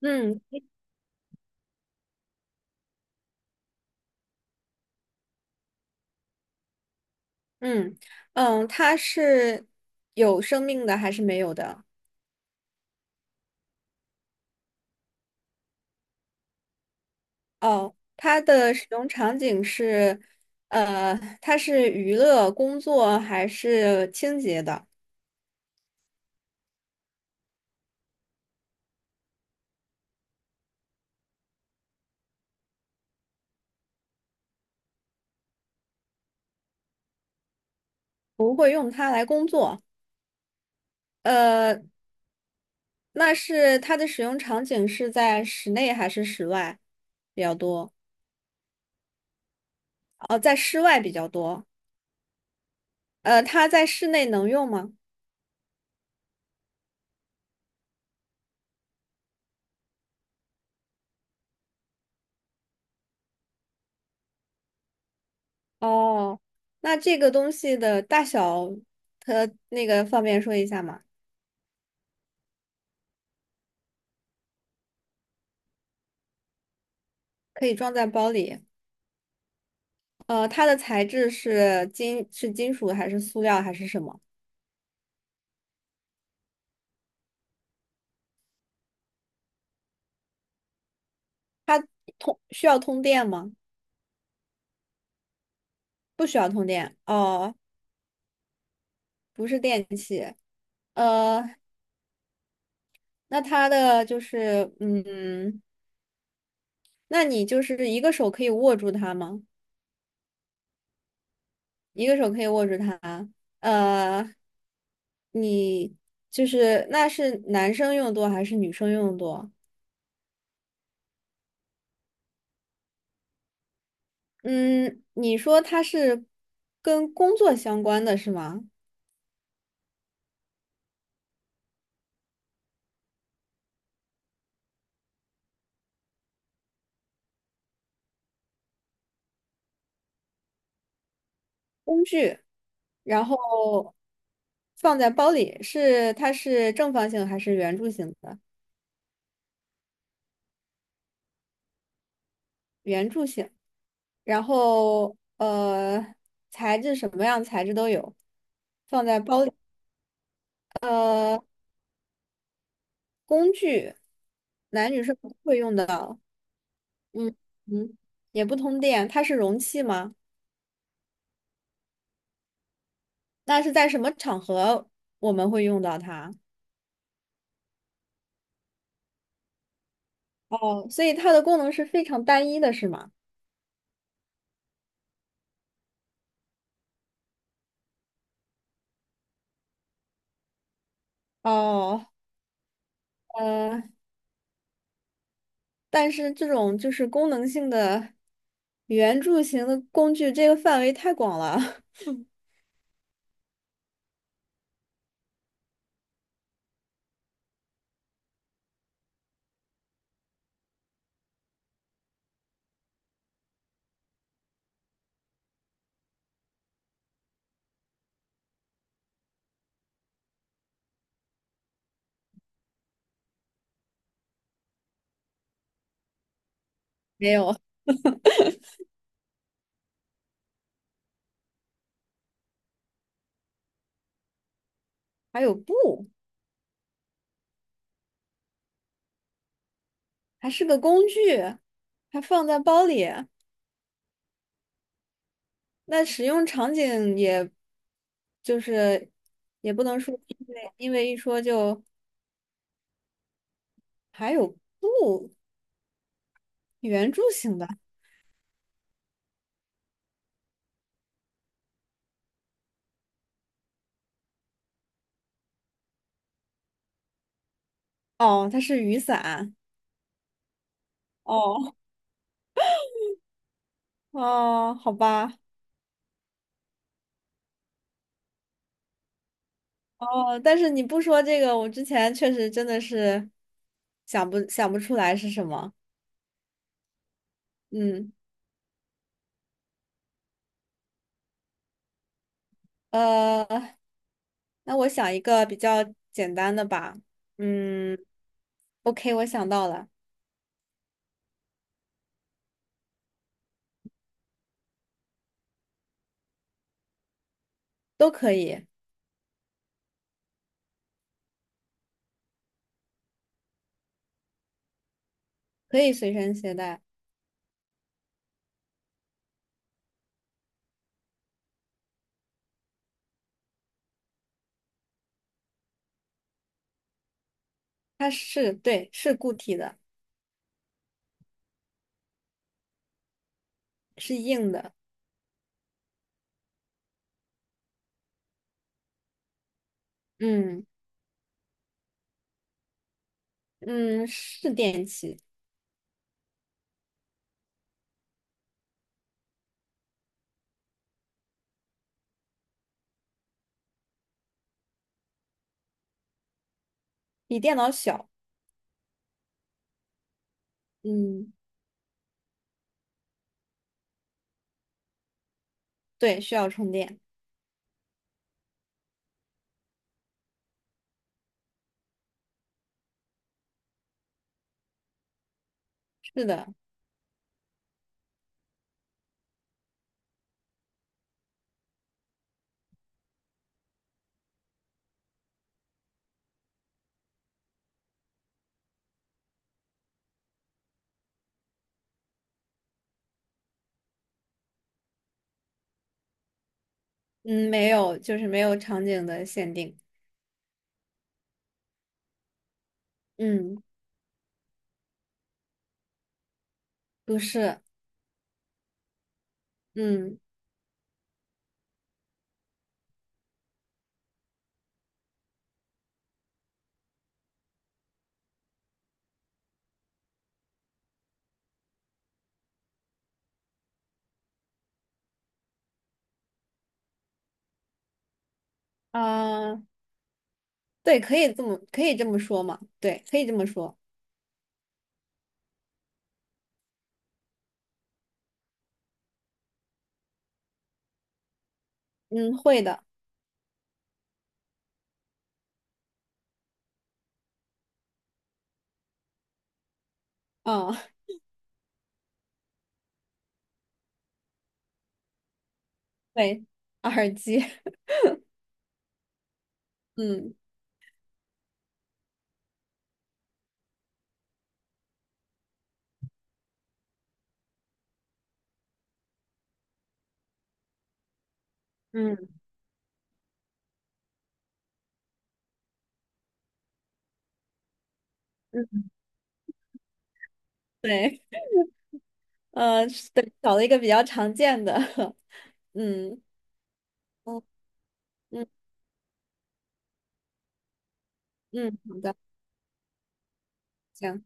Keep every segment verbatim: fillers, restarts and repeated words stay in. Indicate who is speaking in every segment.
Speaker 1: 嗯嗯嗯，它是有生命的还是没有的？哦，它的使用场景是，呃，它是娱乐、工作还是清洁的？不会用它来工作。呃，那是它的使用场景是在室内还是室外比较多？哦，在室外比较多。呃，它在室内能用吗？哦，那这个东西的大小，它那个方便说一下吗？可以装在包里。呃，它的材质是金，是金属还是塑料还是什么？它通需要通电吗？不需要通电。哦，不是电器。呃，那它的就是，嗯，那你就是一个手可以握住它吗？一个手可以握住它。呃，你就是那是男生用多还是女生用多？嗯，你说它是跟工作相关的是吗？然后放在包里，是它是正方形还是圆柱形的？圆柱形。然后呃，材质什么样材质都有，放在包里。呃，工具，男女是不会用的。嗯嗯，也不通电，它是容器吗？那是在什么场合我们会用到它？哦，所以它的功能是非常单一的，是吗？哦，呃。但是这种就是功能性的圆柱形的工具，这个范围太广了。没有，还有布，还是个工具，还放在包里。那使用场景也，就是也不能说因为因为一说就还有布圆柱形的哦，它是雨伞哦哦，好吧哦，但是你不说这个，我之前确实真的是想不想不出来是什么，嗯。呃，那我想一个比较简单的吧。嗯，OK，我想到了，都可以，可以随身携带。它是，对，是固体的，是硬的。嗯嗯，是电器，比电脑小。嗯，对，需要充电。是的，嗯，没有，就是没有场景的限定。嗯，不是。嗯啊，对，可以这么可以这么说嘛？对，可以这么说。嗯，会的。啊。对，耳机，嗯，嗯嗯，对，呃，是对，找了一个比较常见的，嗯，哦，嗯嗯，好的，行，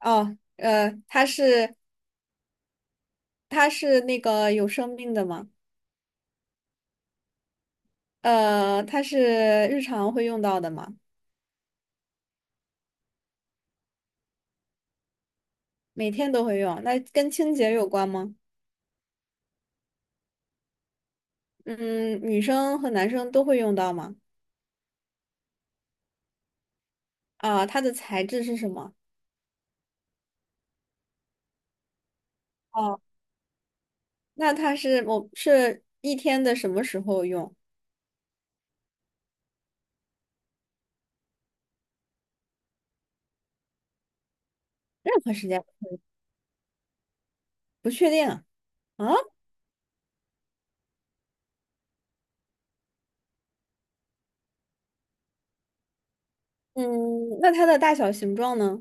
Speaker 1: 哦，呃，它是它是那个有生命的吗？呃，它是日常会用到的吗？每天都会用，那跟清洁有关吗？嗯，女生和男生都会用到吗？啊、它的材质是什么？哦，那它是我是一天的什么时候用？任何时间，不确定。啊，嗯，那它的大小形状呢？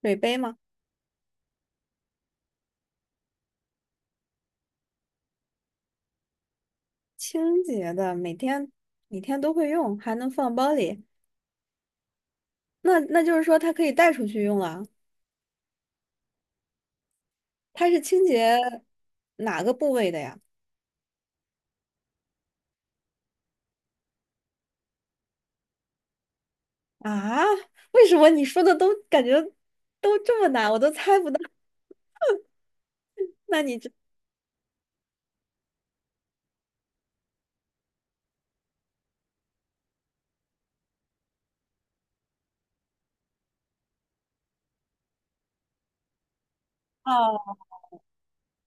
Speaker 1: 水杯吗？清洁的，每天每天都会用，还能放包里。那那就是说它可以带出去用啊。它是清洁哪个部位的呀？啊，为什么你说的都感觉都这么难，我都猜不到？那你知道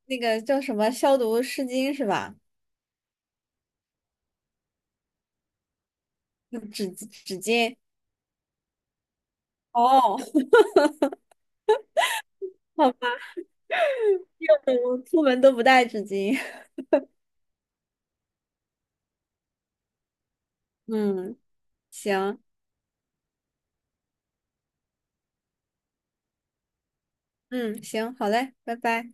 Speaker 1: 那个叫什么消毒湿巾是吧？嗯纸纸巾。哦，好吧，我出门都不带纸巾。嗯，行，嗯，行，好嘞，拜拜。